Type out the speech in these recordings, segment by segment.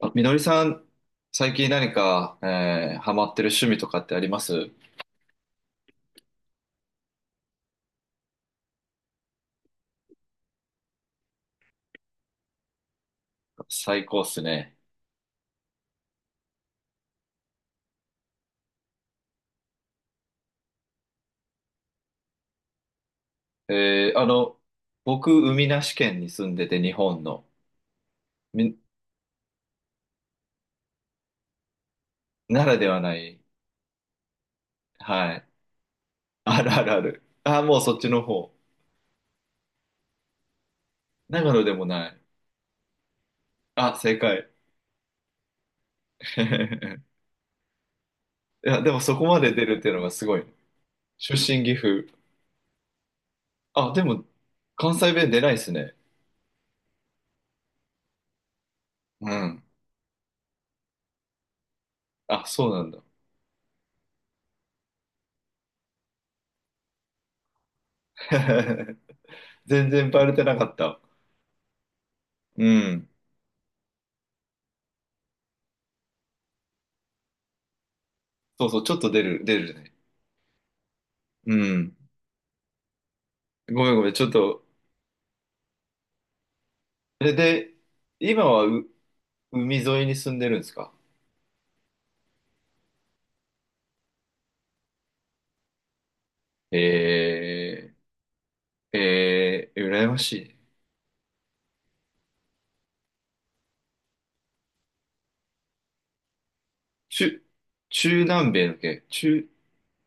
あ、みのりさん、最近何か、ハマってる趣味とかってあります？最高っすね。えーあの、僕、海なし県に住んでて、日本の、み、ならではない。はい。あるあるある。あ、もうそっちの方。長野でもない。あ、正解。いや、でもそこまで出るっていうのがすごい。出身岐阜。あ、でも、関西弁出ないっすね。うん。あ、そうなんだ。全然バレてなかった。うん。そうそう、ちょっと出る、出るね。うん。ごめんごめん、ちょっと。それで、今は海沿いに住んでるんですか？えー、えー、羨ましい。中、中南米の系、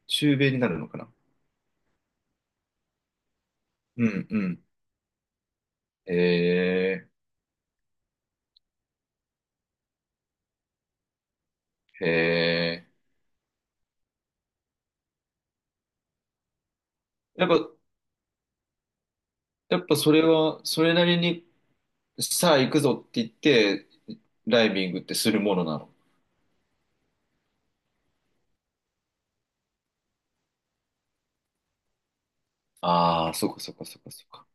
中米になるのかな？うんうん。えー、えー。やっぱそれは、それなりに、さあ行くぞって言って、ダイビングってするものなの？ああー、そっかそっかそっかそっか。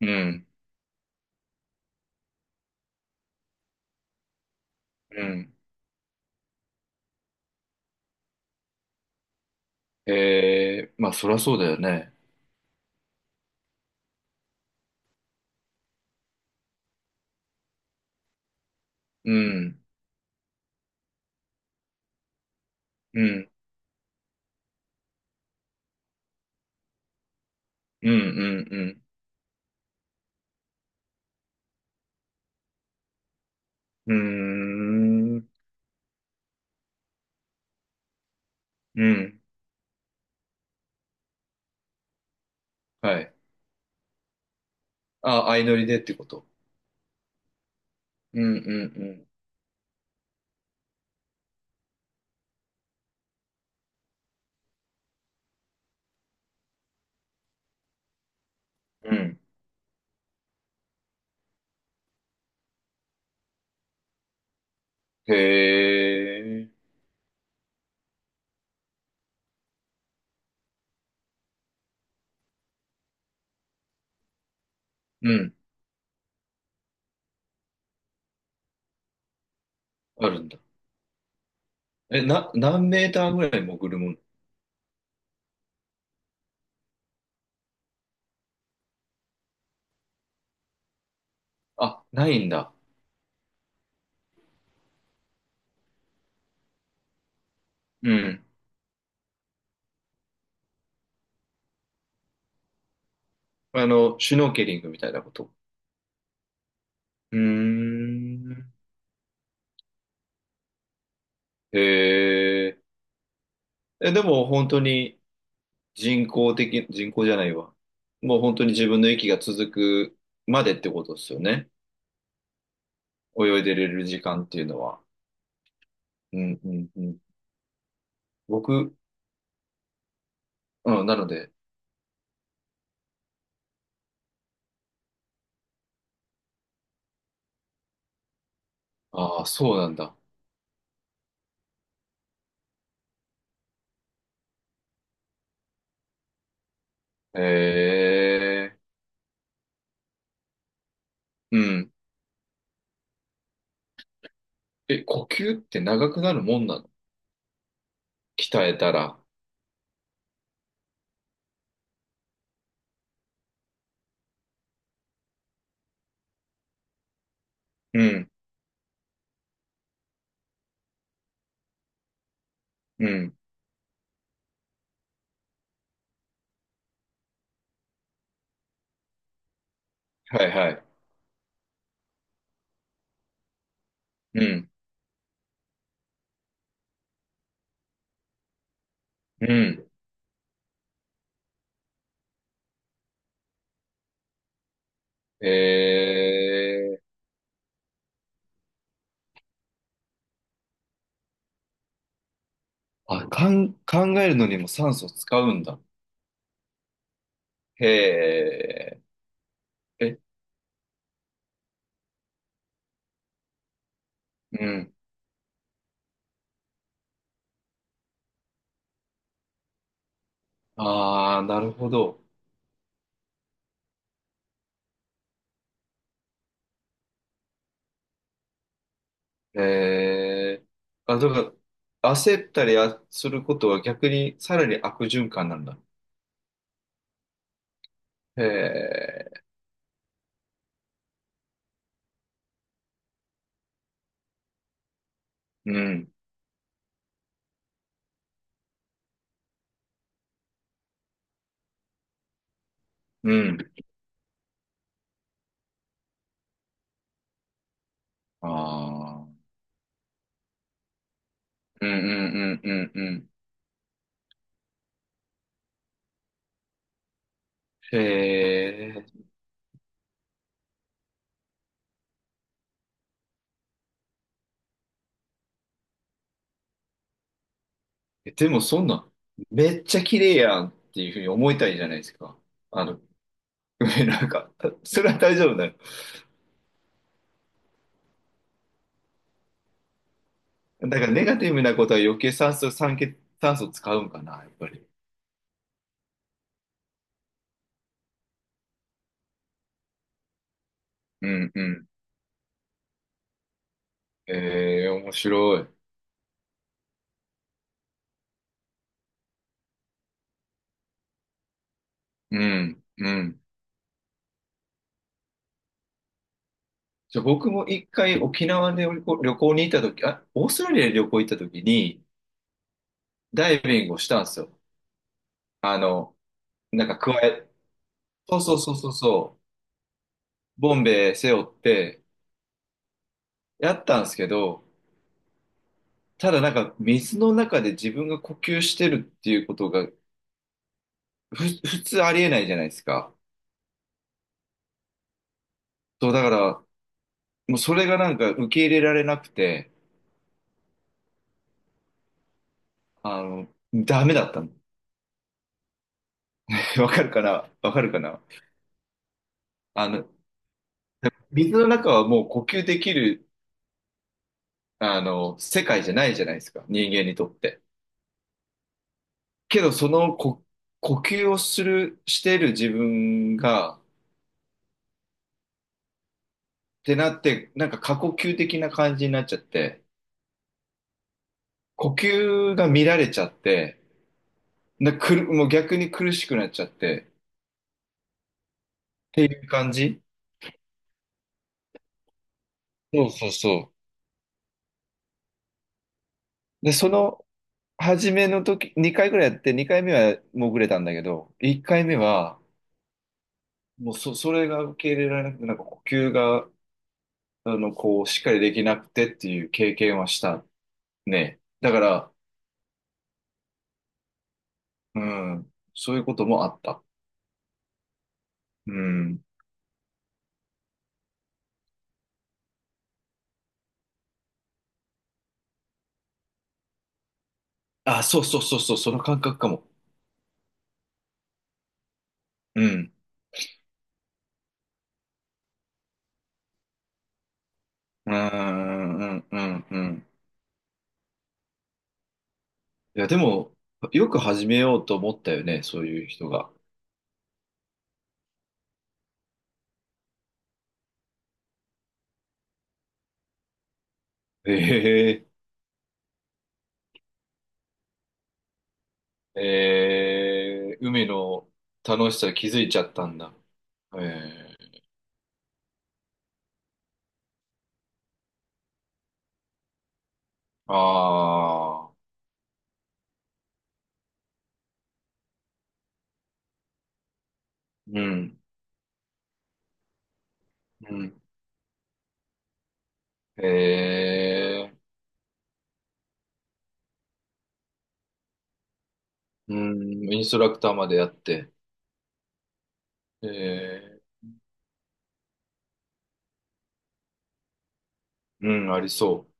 うん、うん。えー、まあそりゃそうだよね。うん、うん、うん、うん、うん。うーん、うん。はい。あ、相乗りでってこと？うん、うん、うん。うん。へえ。うん。あるんだ。え、何メーターぐらい潜るもの？あ、ないんだ。うん。あの、シュノーケリングみたいなこと？うーん。へえ。え、でも本当に人工的、人工じゃないわ。もう本当に自分の息が続くまでってことですよね。泳いでれる時間っていうのは。うん、うん、うん。僕、うん、なので、ああ、そうなんだ。へえ、うん。え、呼吸って長くなるもんなの？鍛えたら。うん、うん。はいはい。うん、うん。へえ、あ、考えるのにも酸素使うんだ。へえ、え、うん。ああ、なるほど。えー、あ、だから、焦ったりすることは逆にさらに悪循環なんだ。へえ、うん、うん。ああ、うんうんうんうんうん。へーえ、でもそんな、めっちゃ綺麗やんっていうふうに思いたいじゃないですか。あの、なんか、それは大丈夫だよ。だからネガティブなことは余計酸素、酸欠、酸素使うんかな、やっぱり。うんうん。ええ、面白い。うん、うん。じゃあ僕も一回沖縄で旅行、旅行に行った時、あ、オーストラリアで旅行行った時に、ダイビングをしたんですよ。あの、なんか加え、そうそうそうそうそう、ボンベ背負ってやったんですけど、ただなんか水の中で自分が呼吸してるっていうことが、普通ありえないじゃないですか。そう、だから、もうそれがなんか受け入れられなくて、あの、ダメだったの。わかるかなわかるかなあの、水の中はもう呼吸できる世界じゃないじゃないですか、人間にとって。けど、そのこ呼吸をする、してる自分が、ってなって、なんか過呼吸的な感じになっちゃって、呼吸が乱れちゃって、なくる、もう逆に苦しくなっちゃって、っていう感じ。そうそうそう。で、初めの時、2回ぐらいやって、2回目は潜れたんだけど、1回目は、もうそれが受け入れられなくて、なんか呼吸が、こう、しっかりできなくてっていう経験はした。ね。だから、うん、そういうこともあった。うん。あ、そうそうそうそう、その感覚かも。うん。うん、うん、うん、うん。いや、でも、よく始めようと思ったよね、そういう人が。えええー、海の楽しさ気づいちゃったんだ。ええああ、うん、うん。ええうん、インストラクターまでやって。ええうん、ありそう。